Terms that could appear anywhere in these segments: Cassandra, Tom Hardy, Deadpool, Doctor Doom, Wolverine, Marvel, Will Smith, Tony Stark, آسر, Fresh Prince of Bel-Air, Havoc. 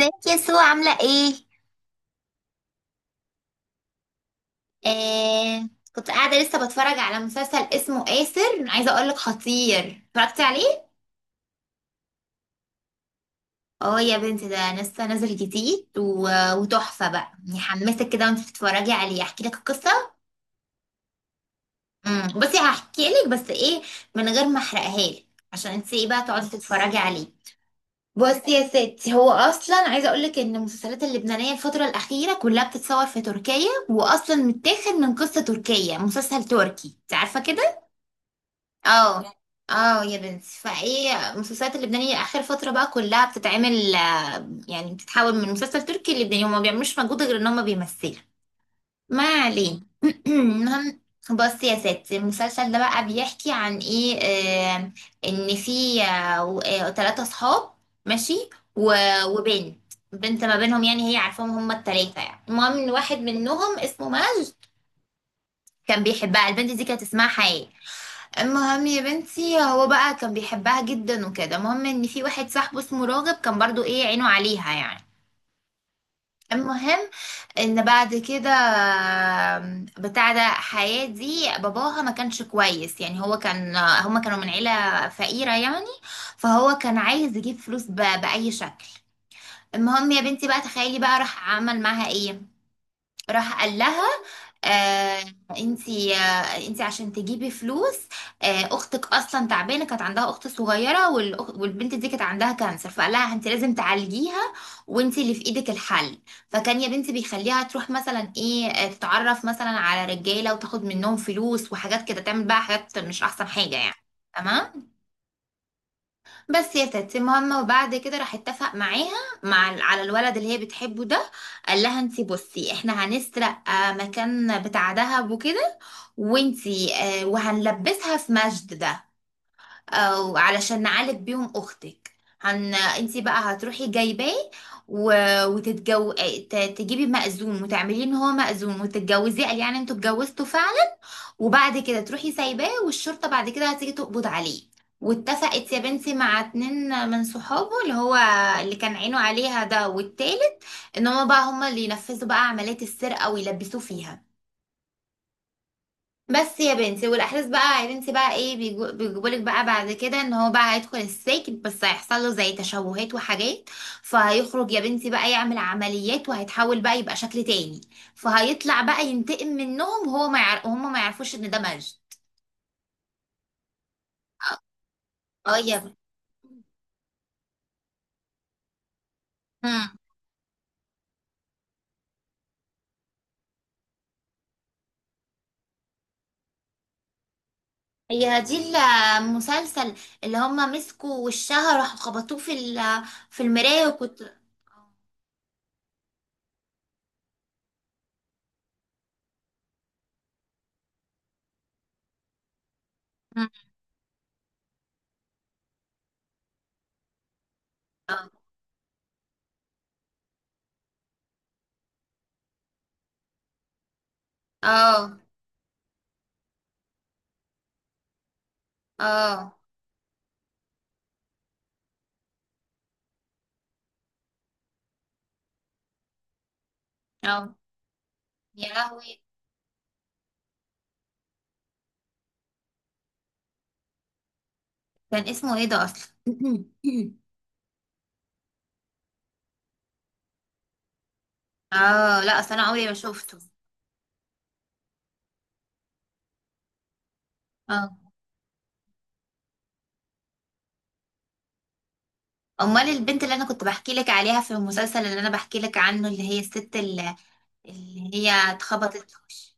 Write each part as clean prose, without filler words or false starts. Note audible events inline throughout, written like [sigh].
ازيك يا سو، عاملة ايه؟ آه. كنت قاعدة لسه بتفرج على مسلسل اسمه آسر، عايزة اقولك خطير، اتفرجتي عليه؟ اه يا بنتي، ده لسه نازل جديد وتحفة بقى، يحمسك كده وانت بتتفرجي عليه. احكي لك القصة. بصي، هحكي لك بس ايه، من غير ما احرقها لك، عشان انت ايه بقى تقعدي تتفرجي عليه. بصي يا ستي، هو اصلا عايزه اقول لك ان المسلسلات اللبنانيه الفتره الاخيره كلها بتتصور في تركيا، واصلا متاخد من قصه تركيه، مسلسل تركي، انت عارفه كده. اه. اه يا بنتي، فايه المسلسلات اللبنانية اخر فترة بقى كلها بتتعمل، يعني بتتحول من مسلسل تركي للبناني، هما ما بيعملوش مجهود غير ان هما بيمثلوا. ما علينا. [clears throat] المهم، بصي يا ستي، المسلسل ده بقى بيحكي عن ايه. ان في ثلاثة صحاب، ماشي، وبنت، بنت ما بينهم، يعني هي عارفاهم هما التلاتة، يعني المهم ان واحد منهم اسمه ماج، كان بيحبها. البنت دي كانت اسمها حياة. المهم يا بنتي، هو بقى كان بيحبها جدا وكده، المهم ان في واحد صاحبه اسمه راغب كان برضو ايه، عينه عليها يعني. المهم ان بعد كده، بتاع ده، حياة دي باباها ما كانش كويس يعني، هو كان، هما كانوا من عيلة فقيرة يعني، فهو كان عايز يجيب فلوس بأي شكل. المهم يا بنتي بقى، تخيلي بقى راح عمل معاها ايه. راح قال لها، آه انتي عشان تجيبي فلوس، اختك اصلا تعبانه، كانت عندها اخت صغيره، والبنت دي كانت عندها كانسر، فقال لها انتي لازم تعالجيها، وانتي اللي في ايدك الحل. فكان يا بنتي بيخليها تروح مثلا ايه آه، تتعرف مثلا على رجاله وتاخد منهم فلوس وحاجات كده، تعمل بقى حاجات مش احسن حاجه يعني. تمام. بس يا ستي، المهم وبعد كده راح اتفق معاها، على الولد اللي هي بتحبه ده. قال لها انتي بصي، احنا هنسرق مكان بتاع دهب وكده، وانتي، وهنلبسها في مجد ده، علشان نعالج بيهم اختك، هن انتي بقى هتروحي جايباه و... وتتجو تجيبي مأذون وتعمليه ان هو مأذون وتتجوزيه، قال يعني انتوا اتجوزتوا فعلا، وبعد كده تروحي سايباه، والشرطة بعد كده هتيجي تقبض عليه. واتفقت يا بنتي مع اتنين من صحابه، اللي هو اللي كان عينه عليها ده والتالت، ان هما بقى هما اللي ينفذوا بقى عملية السرقة ويلبسوه فيها. بس يا بنتي، والاحداث بقى يا بنتي بقى ايه، بيجيبولك بقى بعد كده، ان هو بقى هيدخل السجن، بس هيحصل له زي تشوهات وحاجات، فهيخرج يا بنتي بقى يعمل عمليات، وهيتحول بقى يبقى شكل تاني، فهيطلع بقى ينتقم منهم، وهو ما يعرف، هما ما يعرفوش ان ده مجد. اه يا مم. هي هدي المسلسل، اللي هما مسكوا وشها راحوا خبطوه في المراية، وكنت. مم. اه، اه، اه، آه. يا لهوي، كان اسمه ايه ده اصلا؟ [clears throat] [laughs] اه لا، اصل انا عمري ما شفته. اه، امال البنت اللي انا كنت بحكي لك عليها في المسلسل اللي انا بحكي لك عنه، اللي هي الست اللي هي اتخبطت في وشها.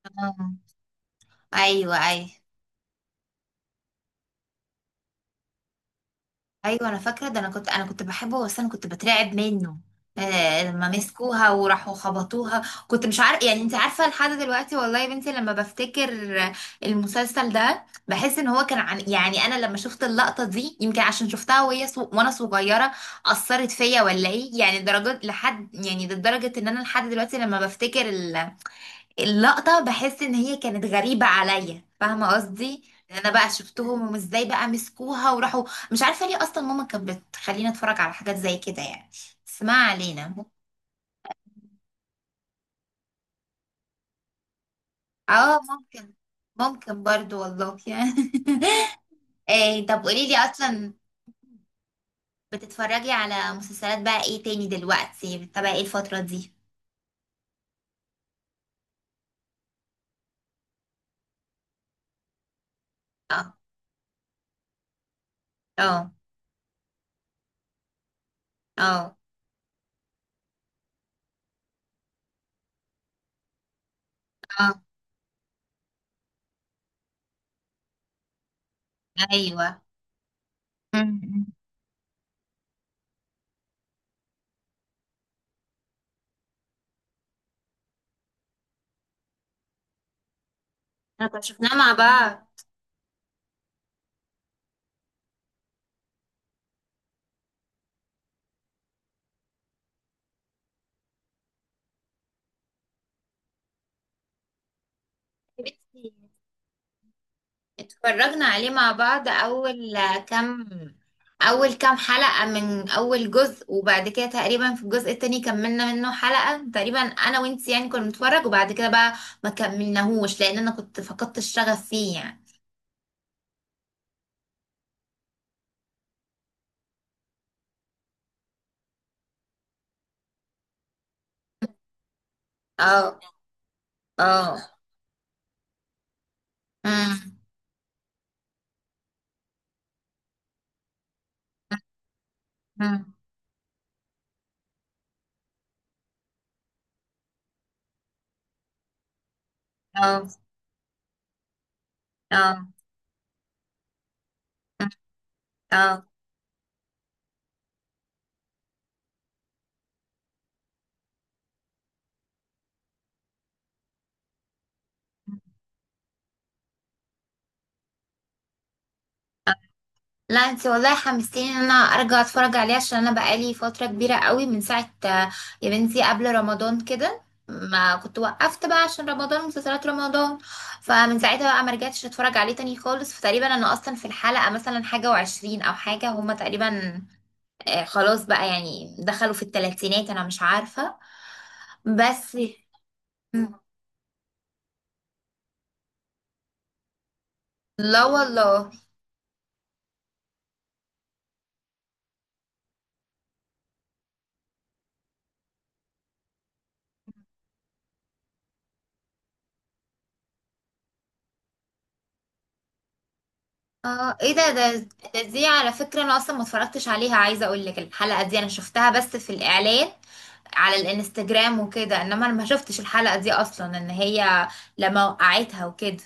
اه، ايوه، ايوه، ايوه، انا فاكره ده، انا كنت بحبه، بس انا كنت بترعب منه. لما مسكوها وراحوا خبطوها، كنت مش عارف يعني، انت عارفه لحد دلوقتي، والله يا بنتي لما بفتكر المسلسل ده، بحس ان هو كان عن، يعني انا لما شفت اللقطه دي، يمكن عشان شفتها وانا صغيره اثرت فيا، ولا ايه يعني، درجات لحد يعني، لدرجه ان انا لحد دلوقتي لما بفتكر اللقطة، بحس ان هي كانت غريبة عليا، فاهمة قصدي؟ ان انا بقى شفتهم، وازاي بقى مسكوها وراحوا، مش عارفة ليه اصلا ماما كانت بتخلينا نتفرج على حاجات زي كده يعني، بس ما علينا. اه ممكن، ممكن برضو والله يعني. [laughs] إيه؟ طب قولي لي اصلا، بتتفرجي على مسلسلات بقى ايه تاني دلوقتي، بتتابعي ايه الفترة دي؟ اه، اه، اه، اه، ايوه. م. احنا كنا شفناها مع بعض، اتفرجنا عليه مع بعض، كام اول كام حلقة من اول جزء، وبعد كده تقريبا في الجزء التاني كملنا منه حلقة تقريبا انا وانت، يعني كنا بنتفرج، وبعد كده بقى ما كملناهوش لان انا كنت فقدت الشغف فيه يعني. اه، اه، امم، امم، اه، اه، اه. لا انت والله حمستيني ان انا ارجع اتفرج عليه، عشان انا بقالي فتره كبيره قوي من ساعه، يا بنتي، قبل رمضان كده ما كنت وقفت بقى عشان رمضان، مسلسلات رمضان، فمن ساعتها بقى ما رجعتش اتفرج عليه تاني خالص، فتقريبا انا اصلا في الحلقه مثلا حاجه وعشرين او حاجه، هما تقريبا خلاص بقى يعني دخلوا في الثلاثينات، انا مش عارفه. بس. لا والله. اه، ايه ده، دي على فكرة انا اصلا ما اتفرجتش عليها، عايزة اقول لك الحلقة دي انا شفتها بس في الاعلان، على الانستجرام وكده، انما انا ما شفتش الحلقة دي اصلا، ان هي لما وقعتها وكده.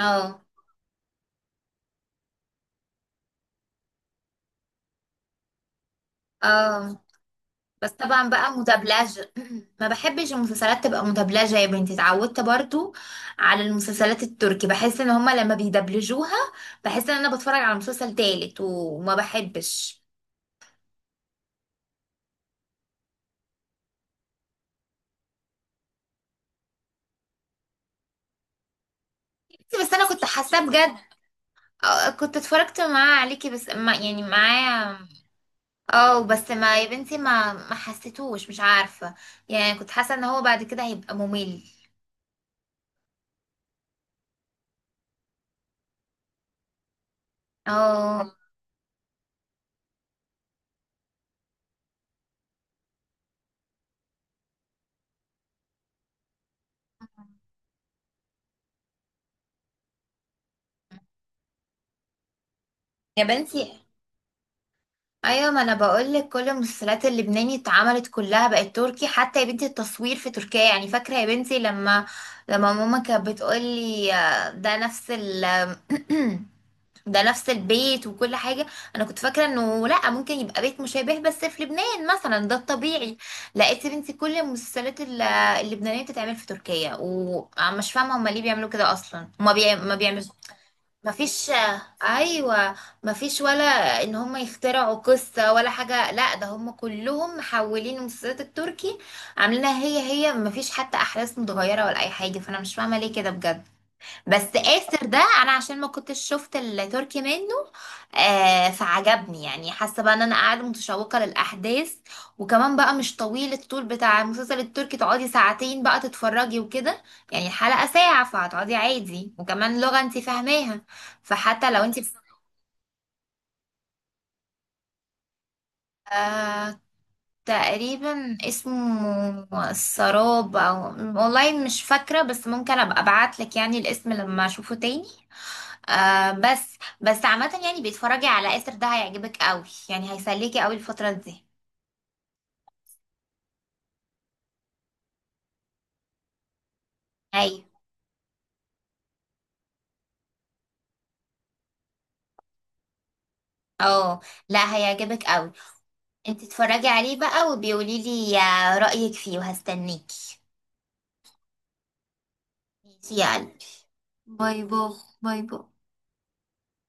اه، اه. بس طبعا بقى مدبلجة، [clears throat] ما بحبش المسلسلات تبقى مدبلجة يا بنتي، اتعودت برضو على المسلسلات التركي، بحس ان هما لما بيدبلجوها بحس ان انا بتفرج على مسلسل تالت، وما بحبش. بس انا كنت حاساه بجد. اه، كنت اتفرجت معاه عليكي، بس ما يعني معاه. اه، بس ما يا بنتي، ما حسيتوش، مش عارفة، يعني كنت حاسة ان هو بعد كده هيبقى ممل. اه يا بنتي، ايوه، ما انا بقولك كل المسلسلات اللبناني اتعملت كلها بقت تركي، حتى يا بنتي التصوير في تركيا، يعني فاكره يا بنتي لما ماما كانت بتقولي، ده نفس ال [clears throat] ده نفس البيت وكل حاجة، أنا كنت فاكرة إنه لأ، ممكن يبقى بيت مشابه بس في لبنان مثلا، ده الطبيعي. لقيت يا بنتي كل المسلسلات اللبنانية بتتعمل في تركيا، ومش فاهمة هما ليه بيعملوا كده أصلا، هما ما بيعملوا، ما فيش، أيوة، ما فيش ولا إن هما يخترعوا قصة ولا حاجة، لأ ده هما كلهم محولين المسلسلات التركي، عاملينها هي هي، ما فيش حتى أحداث متغيرة ولا أي حاجة، فأنا مش فاهمة ليه كده بجد. بس آسر ده، انا عشان ما كنتش شفت التركي منه، فعجبني يعني، حاسه بقى ان انا قاعده متشوقه للاحداث، وكمان بقى مش طويل، الطول بتاع المسلسل التركي تقعدي ساعتين بقى تتفرجي وكده، يعني الحلقه ساعه، فهتقعدي عادي، وكمان لغه انت فاهماها، فحتى لو انت. آه تقريبا اسمه السراب، او والله مش فاكره، بس ممكن ابقى ابعت لك يعني الاسم لما اشوفه تاني. بس عامة يعني، بيتفرجي على آسر ده، هيعجبك قوي يعني، هيسليكي قوي الفترة دي. ايوه. اه لا، هيعجبك قوي. انت اتفرجي عليه بقى وبيقولي لي رأيك فيه، وهستنيكي. ماشي يا قلبي. باي باي. باي باي.